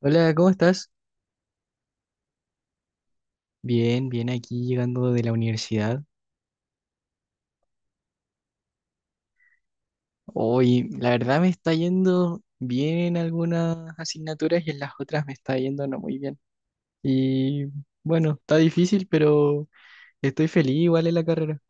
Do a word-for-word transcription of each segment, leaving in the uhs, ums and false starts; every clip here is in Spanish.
Hola, ¿cómo estás? Bien, bien, aquí llegando de la universidad. Hoy, la verdad me está yendo bien en algunas asignaturas y en las otras me está yendo no muy bien. Y bueno, está difícil, pero estoy feliz igual en la carrera.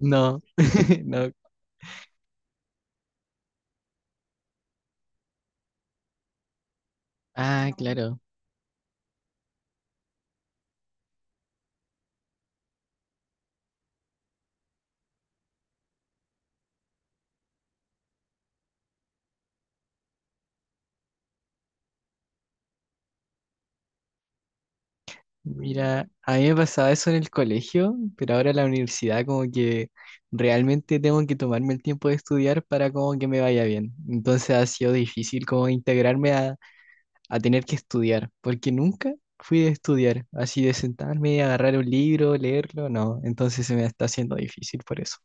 No, no. Ah, claro. Mira, a mí me pasaba eso en el colegio, pero ahora en la universidad como que realmente tengo que tomarme el tiempo de estudiar para como que me vaya bien. Entonces ha sido difícil como integrarme a tener que estudiar, porque nunca fui de estudiar, así de sentarme, agarrar un libro, leerlo, no, entonces se me está haciendo difícil por eso.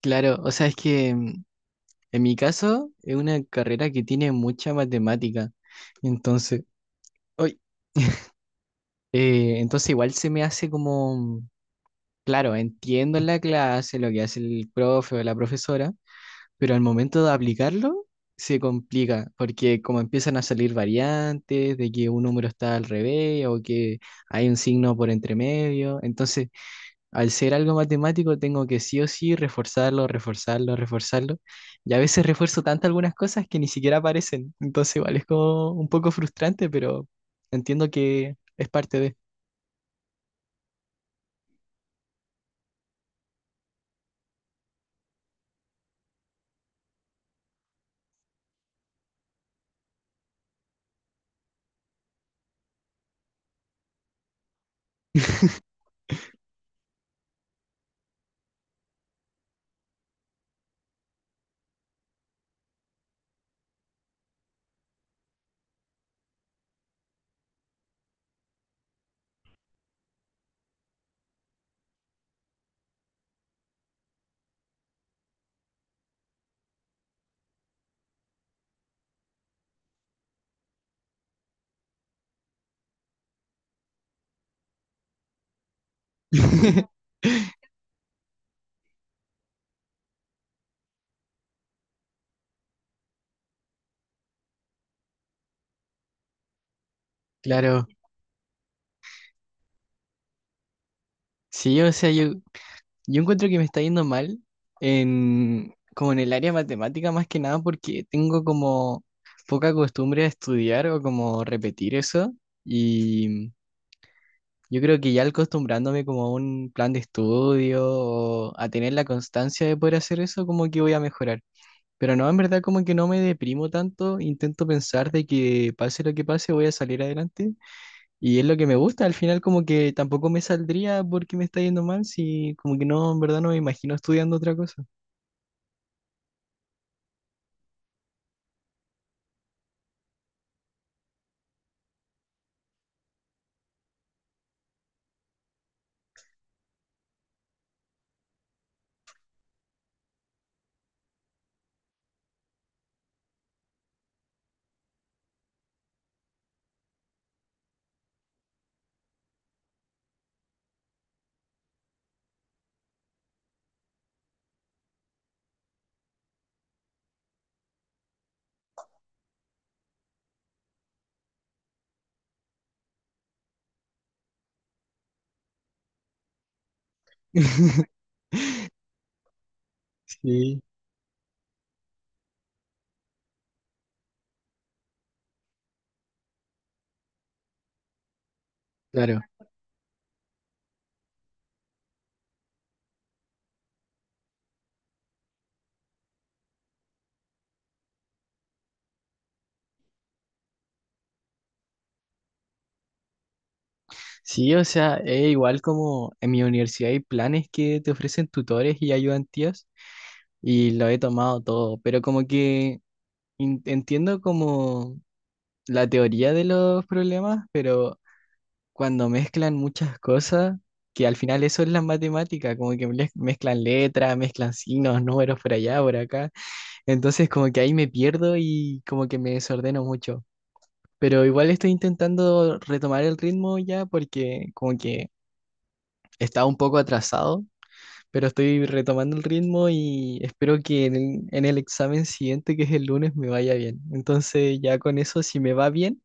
Claro, o sea, es que mm, en mi caso es una carrera que tiene mucha matemática, entonces, ¡ay! Eh, entonces igual se me hace como, mm, claro, entiendo en la clase lo que hace el profe o la profesora, pero al momento de aplicarlo se complica, porque como empiezan a salir variantes de que un número está al revés o que hay un signo por entre medio, entonces al ser algo matemático tengo que sí o sí reforzarlo, reforzarlo, reforzarlo, y a veces refuerzo tanto algunas cosas que ni siquiera aparecen, entonces igual es como un poco frustrante, pero entiendo que es parte de... Claro, sí, o sea, yo Yo encuentro que me está yendo mal en, como en el área matemática más que nada porque tengo como poca costumbre a estudiar o como repetir eso y yo creo que ya al acostumbrándome como a un plan de estudio o a tener la constancia de poder hacer eso como que voy a mejorar. Pero no, en verdad como que no me deprimo tanto, intento pensar de que pase lo que pase voy a salir adelante y es lo que me gusta, al final como que tampoco me saldría porque me está yendo mal, si como que no, en verdad no me imagino estudiando otra cosa. Sí, claro. Sí, o sea, es igual como en mi universidad hay planes que te ofrecen tutores y ayudantías y lo he tomado todo, pero como que in- entiendo como la teoría de los problemas, pero cuando mezclan muchas cosas, que al final eso es la matemática, como que mez- mezclan letras, mezclan signos, números por allá, por acá. Entonces como que ahí me pierdo y como que me desordeno mucho. Pero igual estoy intentando retomar el ritmo ya porque como que estaba un poco atrasado pero estoy retomando el ritmo y espero que en el, en el examen siguiente, que es el lunes, me vaya bien. Entonces ya con eso, si me va bien,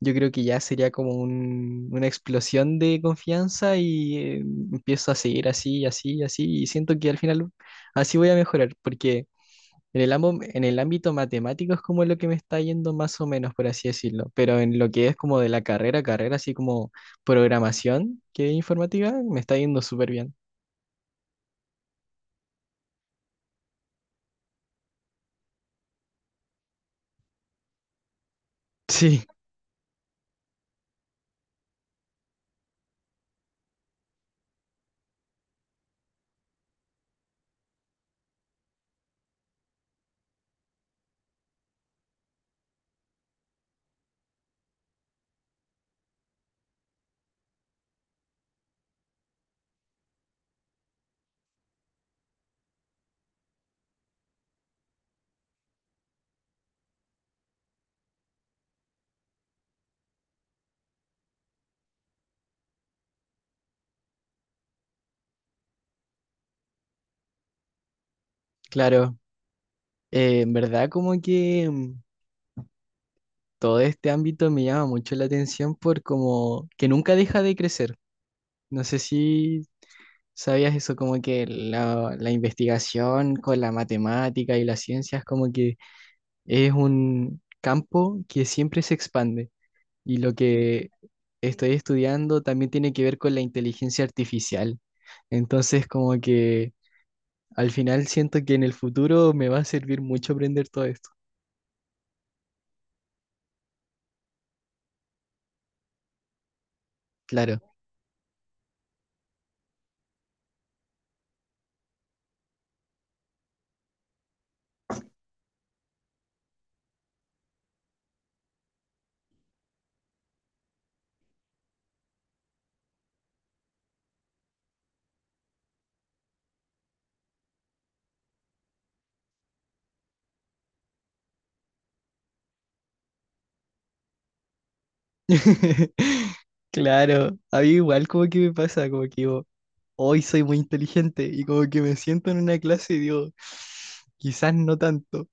yo creo que ya sería como un- una explosión de confianza y eh, empiezo a seguir así, y así, y así, y siento que al final así voy a mejorar, porque en el, ambo- en el ámbito matemático es como lo que me está yendo más o menos, por así decirlo, pero en lo que es como de la carrera, carrera, así como programación, que es informática, me está yendo súper bien. Sí, claro. Eh, en verdad como que mm, todo este ámbito me llama mucho la atención por como que nunca deja de crecer. No sé si sabías eso, como que la, la investigación con la matemática y las ciencias como que es un campo que siempre se expande y lo que estoy estudiando también tiene que ver con la inteligencia artificial. Entonces como que al final siento que en el futuro me va a servir mucho aprender todo esto. Claro. Claro, a mí igual como que me pasa, como que digo, hoy soy muy inteligente y como que me siento en una clase y digo, quizás no tanto.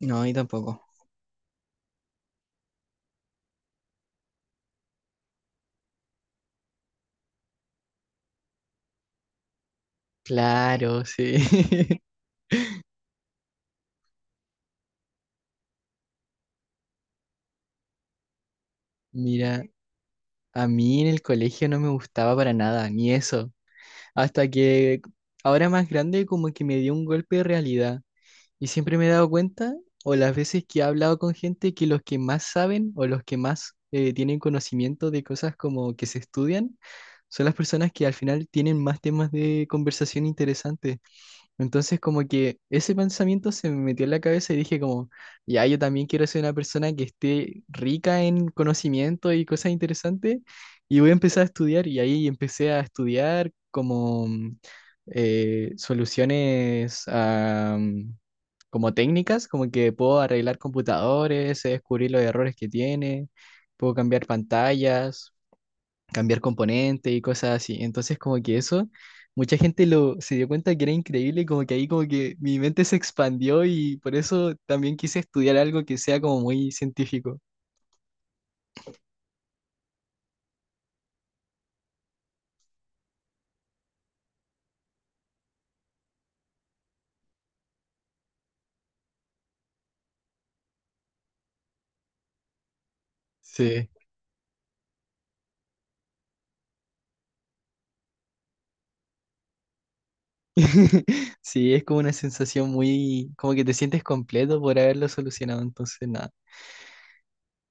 No, y tampoco. Claro, sí. Mira, a mí en el colegio no me gustaba para nada, ni eso. Hasta que ahora más grande como que me dio un golpe de realidad. Y siempre me he dado cuenta, o las veces que he hablado con gente, que los que más saben o los que más eh, tienen conocimiento de cosas como que se estudian, son las personas que al final tienen más temas de conversación interesantes. Entonces, como que ese pensamiento se me metió en la cabeza y dije como, ya, yo también quiero ser una persona que esté rica en conocimiento y cosas interesantes y voy a empezar a estudiar y ahí empecé a estudiar como mm, eh, soluciones a, mm, como técnicas, como que puedo arreglar computadores, sé descubrir los errores que tiene, puedo cambiar pantallas cambiar componentes y cosas así. Entonces, como que eso, mucha gente lo se dio cuenta que era increíble, y como que ahí como que mi mente se expandió y por eso también quise estudiar algo que sea como muy científico. Sí. Sí, es como una sensación muy, como que te sientes completo por haberlo solucionado, entonces nada.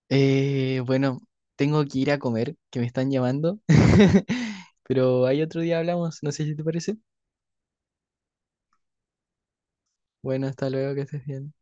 Eh, bueno, tengo que ir a comer, que me están llamando, pero hay otro día hablamos, no sé si te parece. Bueno, hasta luego, que estés bien.